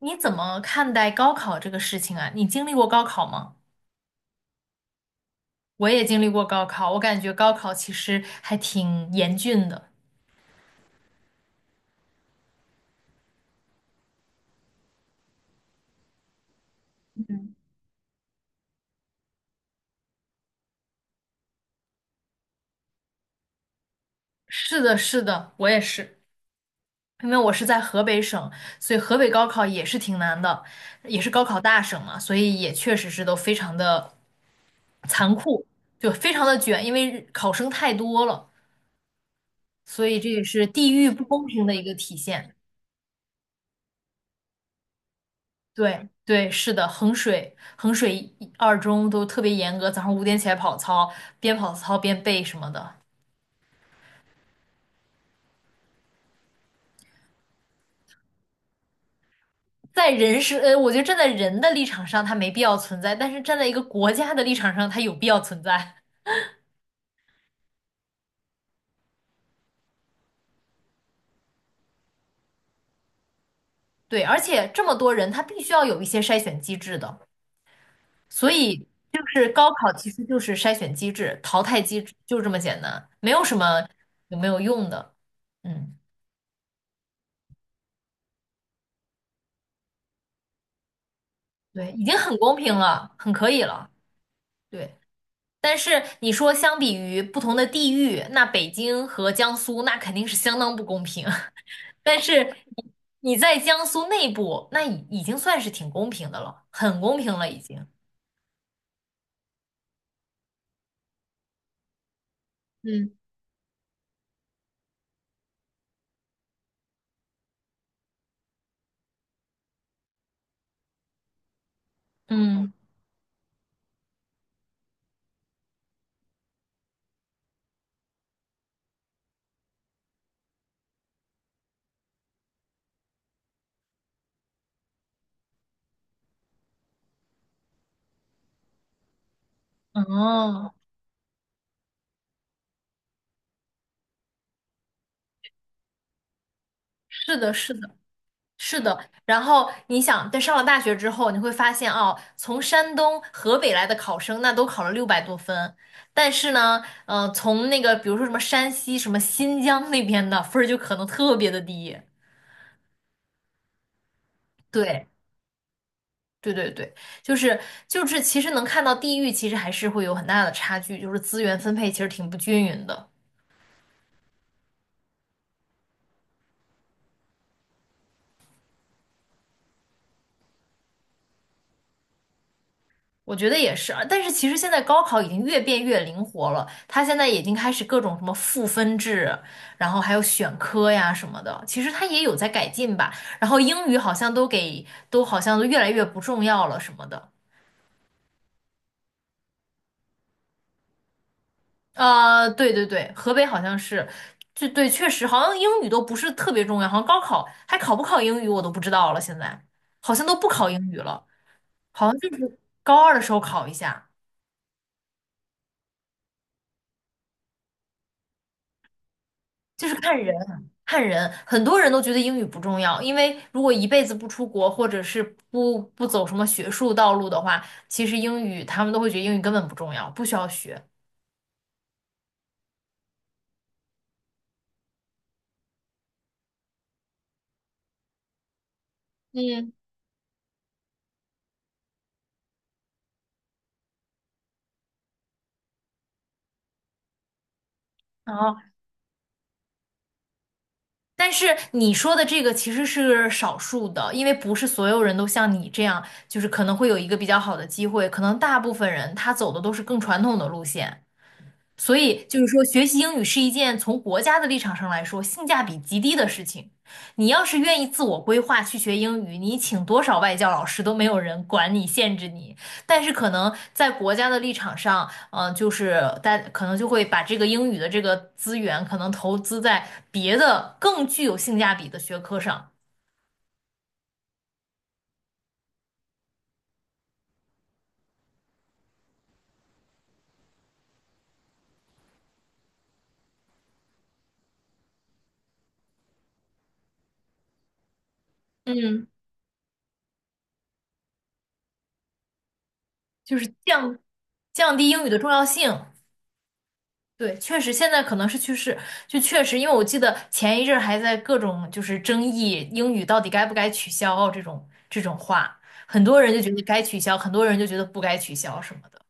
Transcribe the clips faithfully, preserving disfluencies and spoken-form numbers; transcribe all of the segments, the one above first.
你怎么看待高考这个事情啊？你经历过高考吗？我也经历过高考，我感觉高考其实还挺严峻的。是的，是的，我也是，因为我是在河北省，所以河北高考也是挺难的，也是高考大省嘛，所以也确实是都非常的残酷，就非常的卷，因为考生太多了，所以这也是地域不公平的一个体现。对对，是的，衡水、衡水一二中都特别严格，早上五点起来跑操，边跑操边背什么的。在人是，呃，我觉得站在人的立场上，它没必要存在；但是站在一个国家的立场上，它有必要存在。对，而且这么多人，他必须要有一些筛选机制的，所以就是高考其实就是筛选机制、淘汰机制，就这么简单，没有什么有没有用的。嗯，对，已经很公平了，很可以了。对。但是你说相比于不同的地域，那北京和江苏那肯定是相当不公平。但是你你在江苏内部，那已已经算是挺公平的了，很公平了已经。嗯，嗯，哦，是的，是的，是的。然后你想，在上了大学之后，你会发现哦，从山东、河北来的考生，那都考了六百多分，但是呢，呃，从那个比如说什么山西、什么新疆那边的分儿就可能特别的低。对，对对对，就是就是其实能看到地域其实还是会有很大的差距，就是资源分配其实挺不均匀的。我觉得也是，但是其实现在高考已经越变越灵活了，它现在已经开始各种什么赋分制，然后还有选科呀什么的，其实它也有在改进吧。然后英语好像都给都好像都越来越不重要了什么的。呃，对对对，河北好像是，就对，确实好像英语都不是特别重要，好像高考还考不考英语我都不知道了，现在好像都不考英语了，好像就是高二的时候考一下，就是看人看人，很多人都觉得英语不重要，因为如果一辈子不出国或者是不不走什么学术道路的话，其实英语他们都会觉得英语根本不重要，不需要学。嗯，然后但是你说的这个其实是少数的，因为不是所有人都像你这样，就是可能会有一个比较好的机会，可能大部分人他走的都是更传统的路线。所以就是说，学习英语是一件从国家的立场上来说性价比极低的事情。你要是愿意自我规划去学英语，你请多少外教老师都没有人管你、限制你。但是可能在国家的立场上，嗯、就是大可能就会把这个英语的这个资源可能投资在别的更具有性价比的学科上，嗯。就是降降低英语的重要性。对，确实现在可能是趋势，就确实，因为我记得前一阵儿还在各种就是争议英语到底该不该取消这种这种话，很多人就觉得该取消，很多人就觉得不该取消什么的。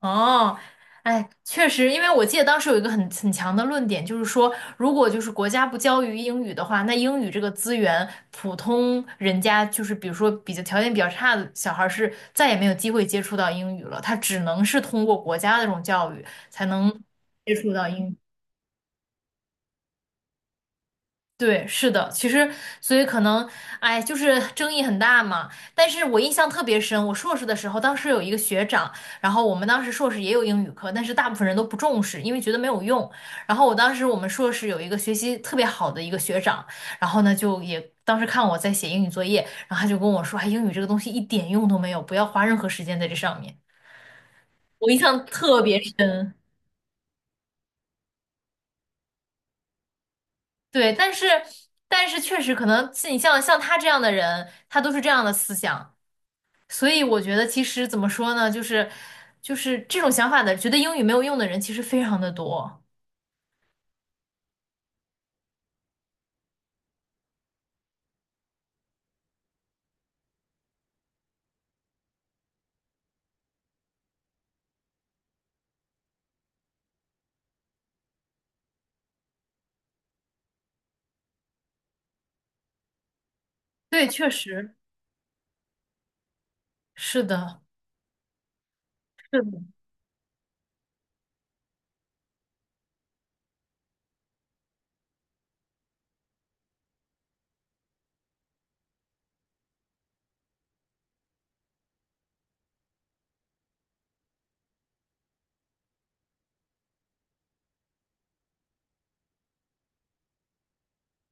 哦，哎，确实，因为我记得当时有一个很很强的论点，就是说，如果就是国家不教育英语的话，那英语这个资源，普通人家就是比如说比较条件比较差的小孩儿是再也没有机会接触到英语了，他只能是通过国家的这种教育才能接触到英语。对，是的，其实所以可能，哎，就是争议很大嘛。但是我印象特别深，我硕士的时候，当时有一个学长，然后我们当时硕士也有英语课，但是大部分人都不重视，因为觉得没有用。然后我当时我们硕士有一个学习特别好的一个学长，然后呢就也当时看我在写英语作业，然后他就跟我说，哎，英语这个东西一点用都没有，不要花任何时间在这上面。我印象特别深。对，但是但是确实可能是你像像他这样的人，他都是这样的思想。所以我觉得其实怎么说呢，就是就是这种想法的，觉得英语没有用的人其实非常的多。对，确实是的，是的。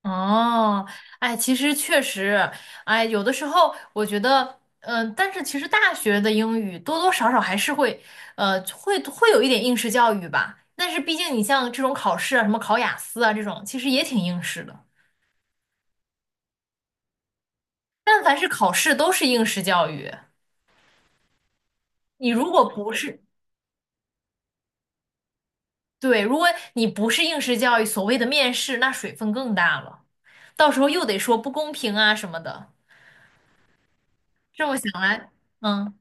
哦，哎，其实确实，哎，有的时候我觉得，嗯、但是其实大学的英语多多少少还是会，呃，会会有一点应试教育吧。但是毕竟你像这种考试啊，什么考雅思啊这种，其实也挺应试的。但凡是考试，都是应试教育。你如果不是，对，如果你不是应试教育，所谓的面试，那水分更大了，到时候又得说不公平啊什么的。这么想来，嗯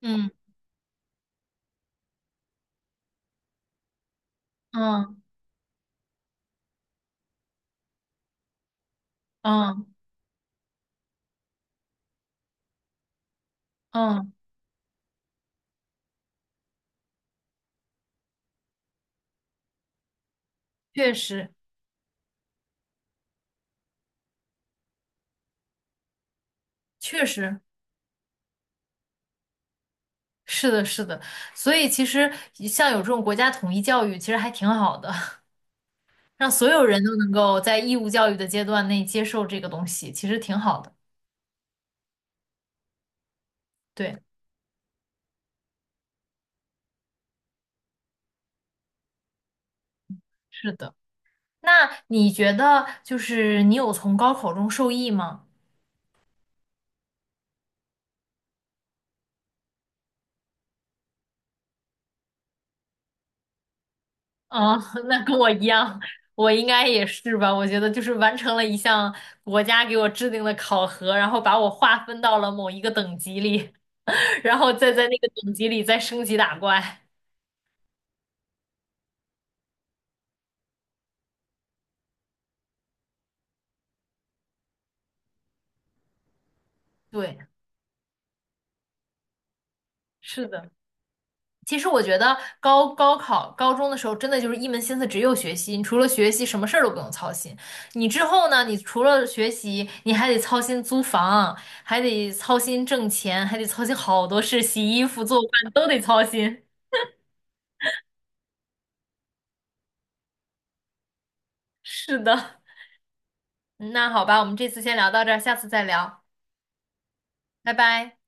嗯嗯嗯嗯，确实确实是的，是的。所以其实像有这种国家统一教育，其实还挺好的，让所有人都能够在义务教育的阶段内接受这个东西，其实挺好的。对，是的。那你觉得就是你有从高考中受益吗？哦，那跟我一样，我应该也是吧。我觉得就是完成了一项国家给我制定的考核，然后把我划分到了某一个等级里，然后再在那个等级里再升级打怪。对，是的。其实我觉得高高考高中的时候，真的就是一门心思只有学习，你除了学习什么事儿都不用操心。你之后呢，你除了学习，你还得操心租房，还得操心挣钱，还得操心好多事，洗衣服、做饭都得操心。是的。嗯那好吧，我们这次先聊到这儿，下次再聊，拜拜。